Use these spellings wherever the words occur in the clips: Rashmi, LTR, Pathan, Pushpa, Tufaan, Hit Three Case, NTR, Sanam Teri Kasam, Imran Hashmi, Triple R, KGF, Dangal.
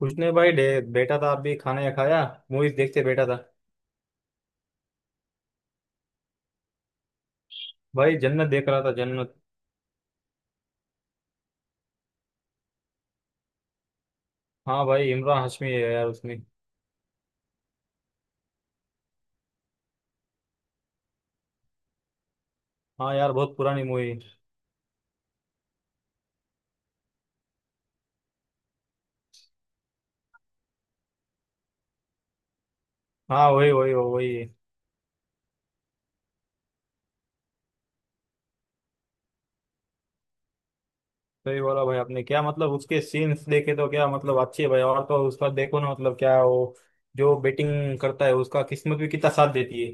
कुछ नहीं भाई बैठा था। आप भी खाना या खाया। मूवीज देखते बैठा था। भाई जन्नत देख रहा था, जन्नत। हाँ भाई, इमरान हाशमी है यार उसमें। हाँ यार, बहुत पुरानी मूवी। हाँ, वही वही वही वही है। सही बोला भाई आपने। क्या मतलब, उसके सीन्स देखे तो क्या मतलब अच्छे है भाई। और तो उसका देखो ना, मतलब क्या वो जो बेटिंग करता है उसका किस्मत भी कितना साथ देती है।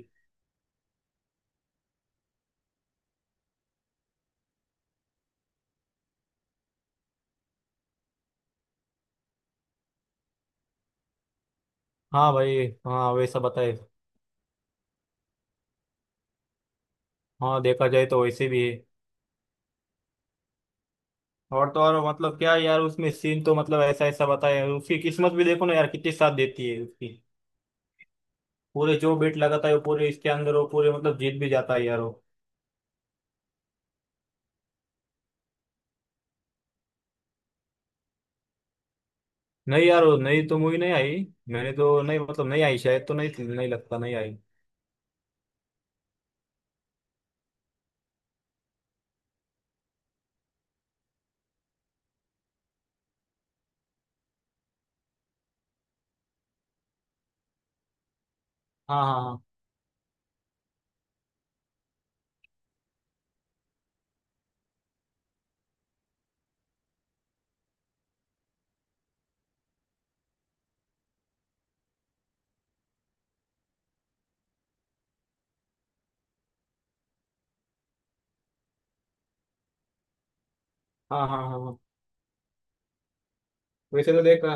हाँ भाई, हाँ वैसा बताए। हाँ, देखा जाए तो वैसे भी है। और तो और मतलब क्या यार, उसमें सीन तो मतलब ऐसा ऐसा बताए। उसकी किस्मत भी देखो ना यार, कितनी साथ देती है उसकी। पूरे जो बेट लगाता है वो, पूरे इसके अंदर वो पूरे मतलब जीत भी जाता है यार वो। नहीं यार, वो नई तो मूवी नहीं आई। मैंने तो नहीं, मतलब नहीं आई शायद, तो नहीं, नहीं लगता, नहीं आई। हाँ हाँ। हाँ हाँ हाँ हाँ। वैसे तो देखा।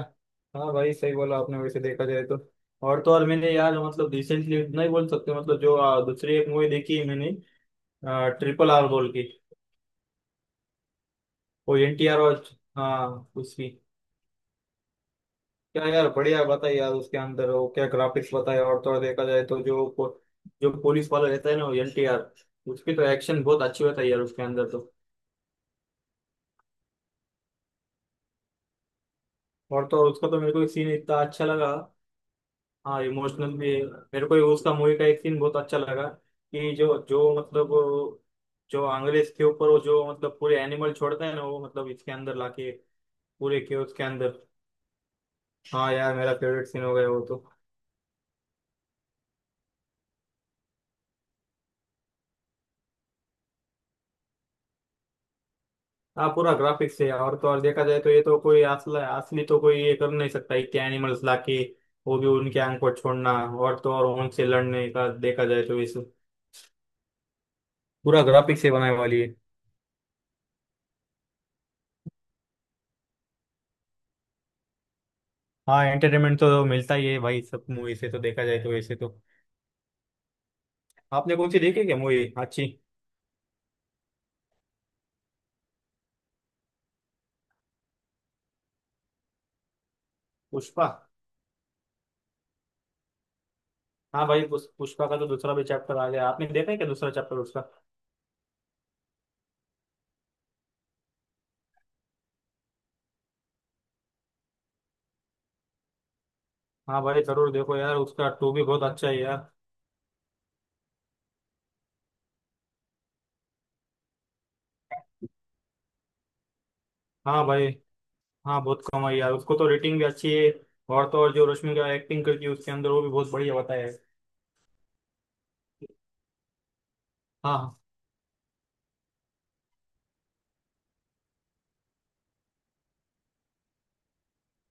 हाँ भाई, सही बोला आपने। वैसे देखा जाए तो और मैंने यार, मतलब रिसेंटली नहीं बोल सकते, मतलब जो दूसरी एक मूवी देखी है मैंने। ट्रिपल आर बोल के। वो एन टी आर और, हाँ, उसकी क्या यार, बढ़िया बताइए यार। उसके अंदर वो क्या ग्राफिक्स बताया। और थोड़ा देखा जाए तो जो जो पुलिस वाला रहता है ना, वो एलटीआर, उसकी तो एक्शन बहुत अच्छी होता है यार उसके अंदर तो। और तो और उसका तो मेरे को एक सीन इतना अच्छा लगा। हाँ इमोशनल भी है। मेरे को उसका मूवी का एक सीन बहुत अच्छा लगा कि जो जो मतलब जो अंग्रेज के ऊपर वो जो मतलब पूरे एनिमल छोड़ता है ना, वो मतलब इसके अंदर लाके पूरे के उसके अंदर। हाँ यार, मेरा फेवरेट सीन हो गया वो तो। हाँ पूरा ग्राफिक्स है। और तो और देखा जाए तो ये तो कोई असला असली तो कोई ये कर नहीं सकता, इतने एनिमल्स लाके। वो भी उनके आंख को छोड़ना। और तो और उनसे लड़ने का देखा जाए तो इस पूरा ग्राफिक्स से बनाने वाली है। हाँ एंटरटेनमेंट तो मिलता ही है भाई, सब मूवी से तो देखा जाए तो वैसे तो। आपने कौन सी देखी, क्या मूवी अच्छी। पुष्पा। हाँ भाई, पुष्पा का तो दूसरा भी चैप्टर आ गया। आपने देखा है क्या, दूसरा चैप्टर उसका। हाँ भाई, जरूर देखो यार, उसका टू भी बहुत अच्छा है यार। हाँ भाई। हाँ बहुत कम आई यार, उसको तो रेटिंग भी अच्छी है। और तो और जो रश्मि का एक्टिंग करती है उसके अंदर, वो भी बहुत बढ़िया बताया है। हाँ।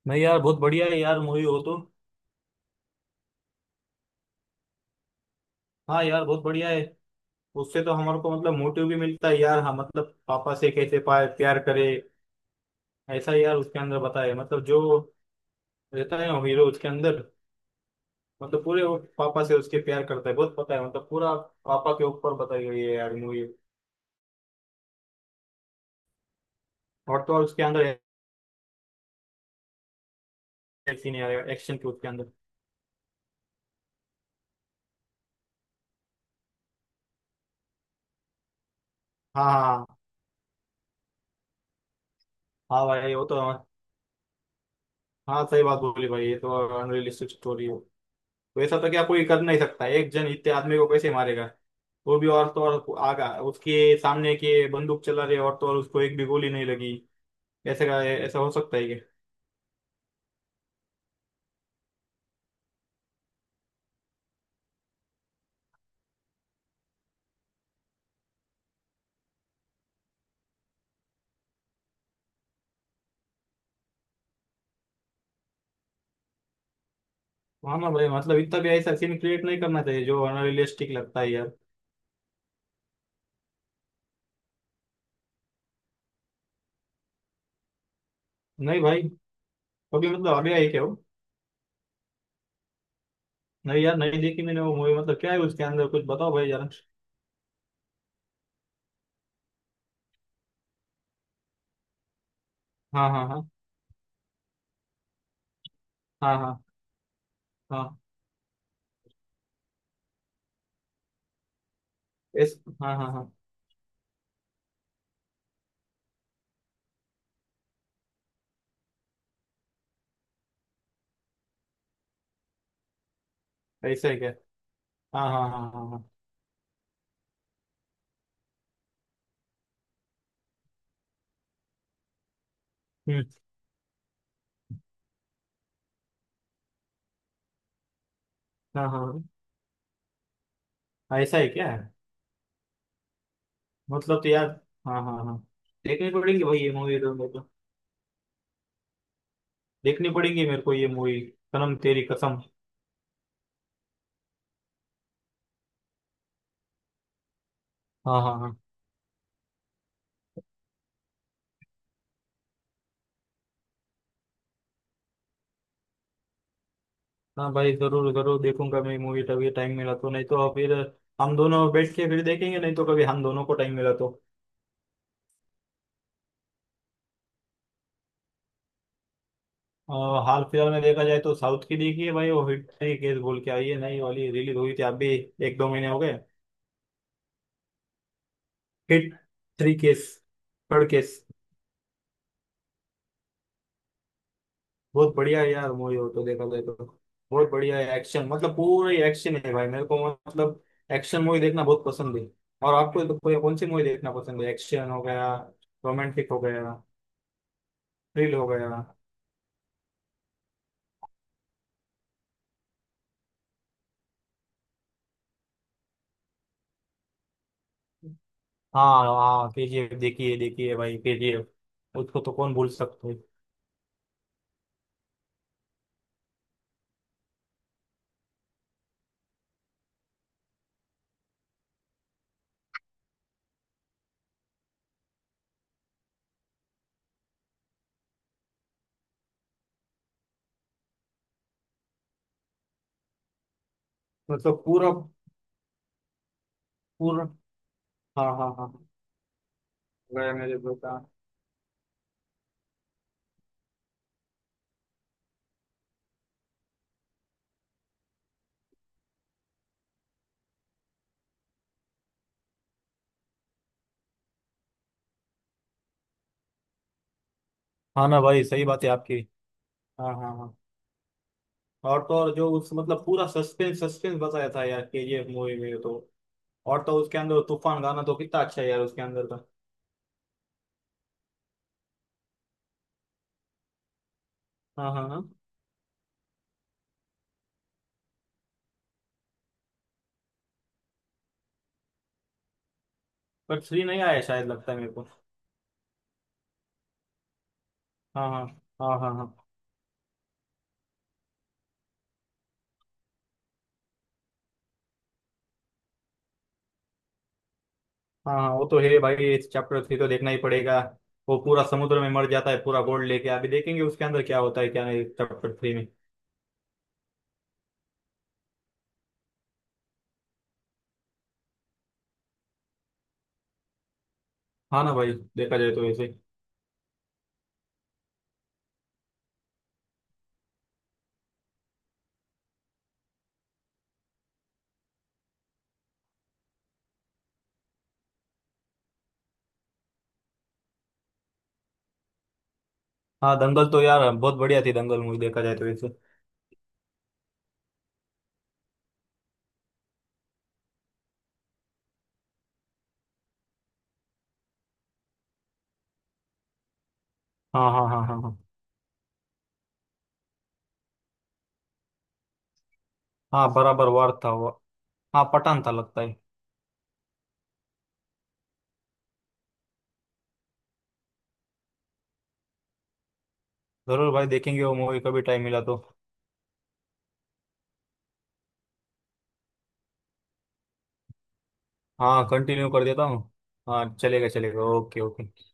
नहीं यार, बहुत बढ़िया है यार मूवी हो तो। हाँ यार, बहुत बढ़िया है। उससे तो हमारे को मतलब मोटिव भी मिलता है यार। हाँ मतलब, पापा से कैसे प्यार करे। ऐसा यार उसके अंदर बताया है। मतलब जो रहता है ना हीरो उसके अंदर, मतलब पूरे वो पापा से उसके प्यार करता है बहुत, पता है मतलब, पूरा पापा के ऊपर बताई गई है यार मूवी। और तो और उसके अंदर एक्शन यार, एक्शन के उसके अंदर। हाँ हाँ हाँ। हाँ भाई, वो तो। हाँ सही बात बोली भाई, ये तो अनरियलिस्टिक स्टोरी है। वैसा तो क्या, कोई कर नहीं सकता। एक जन इतने आदमी को कैसे मारेगा। वो भी, और तो और आगा उसके सामने के बंदूक चला रहे, और तो और उसको एक भी गोली नहीं लगी। ऐसे का ऐसा हो सकता है क्या। हाँ ना भाई, मतलब इतना भी ऐसा सीन क्रिएट नहीं करना चाहिए जो अनरियलिस्टिक लगता है यार। नहीं भाई। कभी मतलब आगे आई क्या वो। नहीं यार, नहीं देखी मैंने वो मूवी। मतलब क्या है उसके अंदर, कुछ बताओ भाई यार। हाँ हाँ हाँ। हाँ हाँ हाँ। ऐस हाँ हाँ हाँ। ऐसा है क्या। हाँ हाँ हाँ हाँ हाँ। हम्म। हाँ हाँ हाँ, ऐसा है क्या। मतलब तो यार, हाँ हाँ हाँ, देखनी पड़ेगी भाई ये मूवी तो मेरे को। देखनी पड़ेगी मेरे को ये मूवी, सनम तेरी कसम। हाँ हाँ हाँ। हाँ भाई, जरूर जरूर देखूंगा मैं मूवी, तभी टाइम मिला तो। नहीं तो फिर हम दोनों बैठ के फिर देखेंगे, नहीं तो कभी हम दोनों को टाइम मिला तो। अ, हाल फिलहाल में देखा जाए तो साउथ की देखी है भाई, वो हिट थ्री केस बोल के आई है, नई वाली रिलीज हुई थी अभी। एक दो महीने हो गए। Hit three case. Third case. बहुत बढ़िया है यार मूवी हो तो, देखा जाए तो। बहुत बढ़िया है एक्शन, मतलब पूरा ही एक्शन है भाई। मेरे को मतलब एक्शन मूवी देखना बहुत पसंद है। और आपको तो कोई कौन सी मूवी देखना पसंद है, एक्शन हो गया, रोमांटिक हो गया, थ्रिल हो गया। हाँ हाँ, केजीएफ। देखिए देखिए भाई केजीएफ, उसको तो कौन भूल सकता है। मतलब पूरा। पूरा। हाँ हाँ हाँ गया मेरे बेटा। हाँ ना भाई सही बात है आपकी। हाँ हाँ हाँ। और तो और जो उस मतलब पूरा सस्पेंस सस्पेंस बताया था यार केजीएफ मूवी में तो। और तो उसके अंदर तूफान गाना तो कितना अच्छा है यार उसके अंदर का। हाँ हाँ हाँ। पर थ्री नहीं आया शायद, लगता है मेरे को। हाँ हाँ हाँ। हाँ हाँ हाँ हाँ। वो तो है भाई, चैप्टर थ्री तो देखना ही पड़ेगा। वो पूरा समुद्र में मर जाता है पूरा गोल्ड लेके, अभी देखेंगे उसके अंदर क्या होता है क्या नहीं चैप्टर थ्री में। हाँ ना भाई देखा जाए तो वैसे। हाँ दंगल तो यार बहुत बढ़िया थी, दंगल मूवी देखा जाए तो वैसे। हाँ हाँ हाँ हाँ हाँ। हाँ बराबर, वार था वो। हाँ, पठान था लगता है। जरूर भाई, देखेंगे वो मूवी कभी टाइम मिला तो। हाँ कंटिन्यू कर देता हूँ। हाँ चलेगा चलेगा, ओके ओके।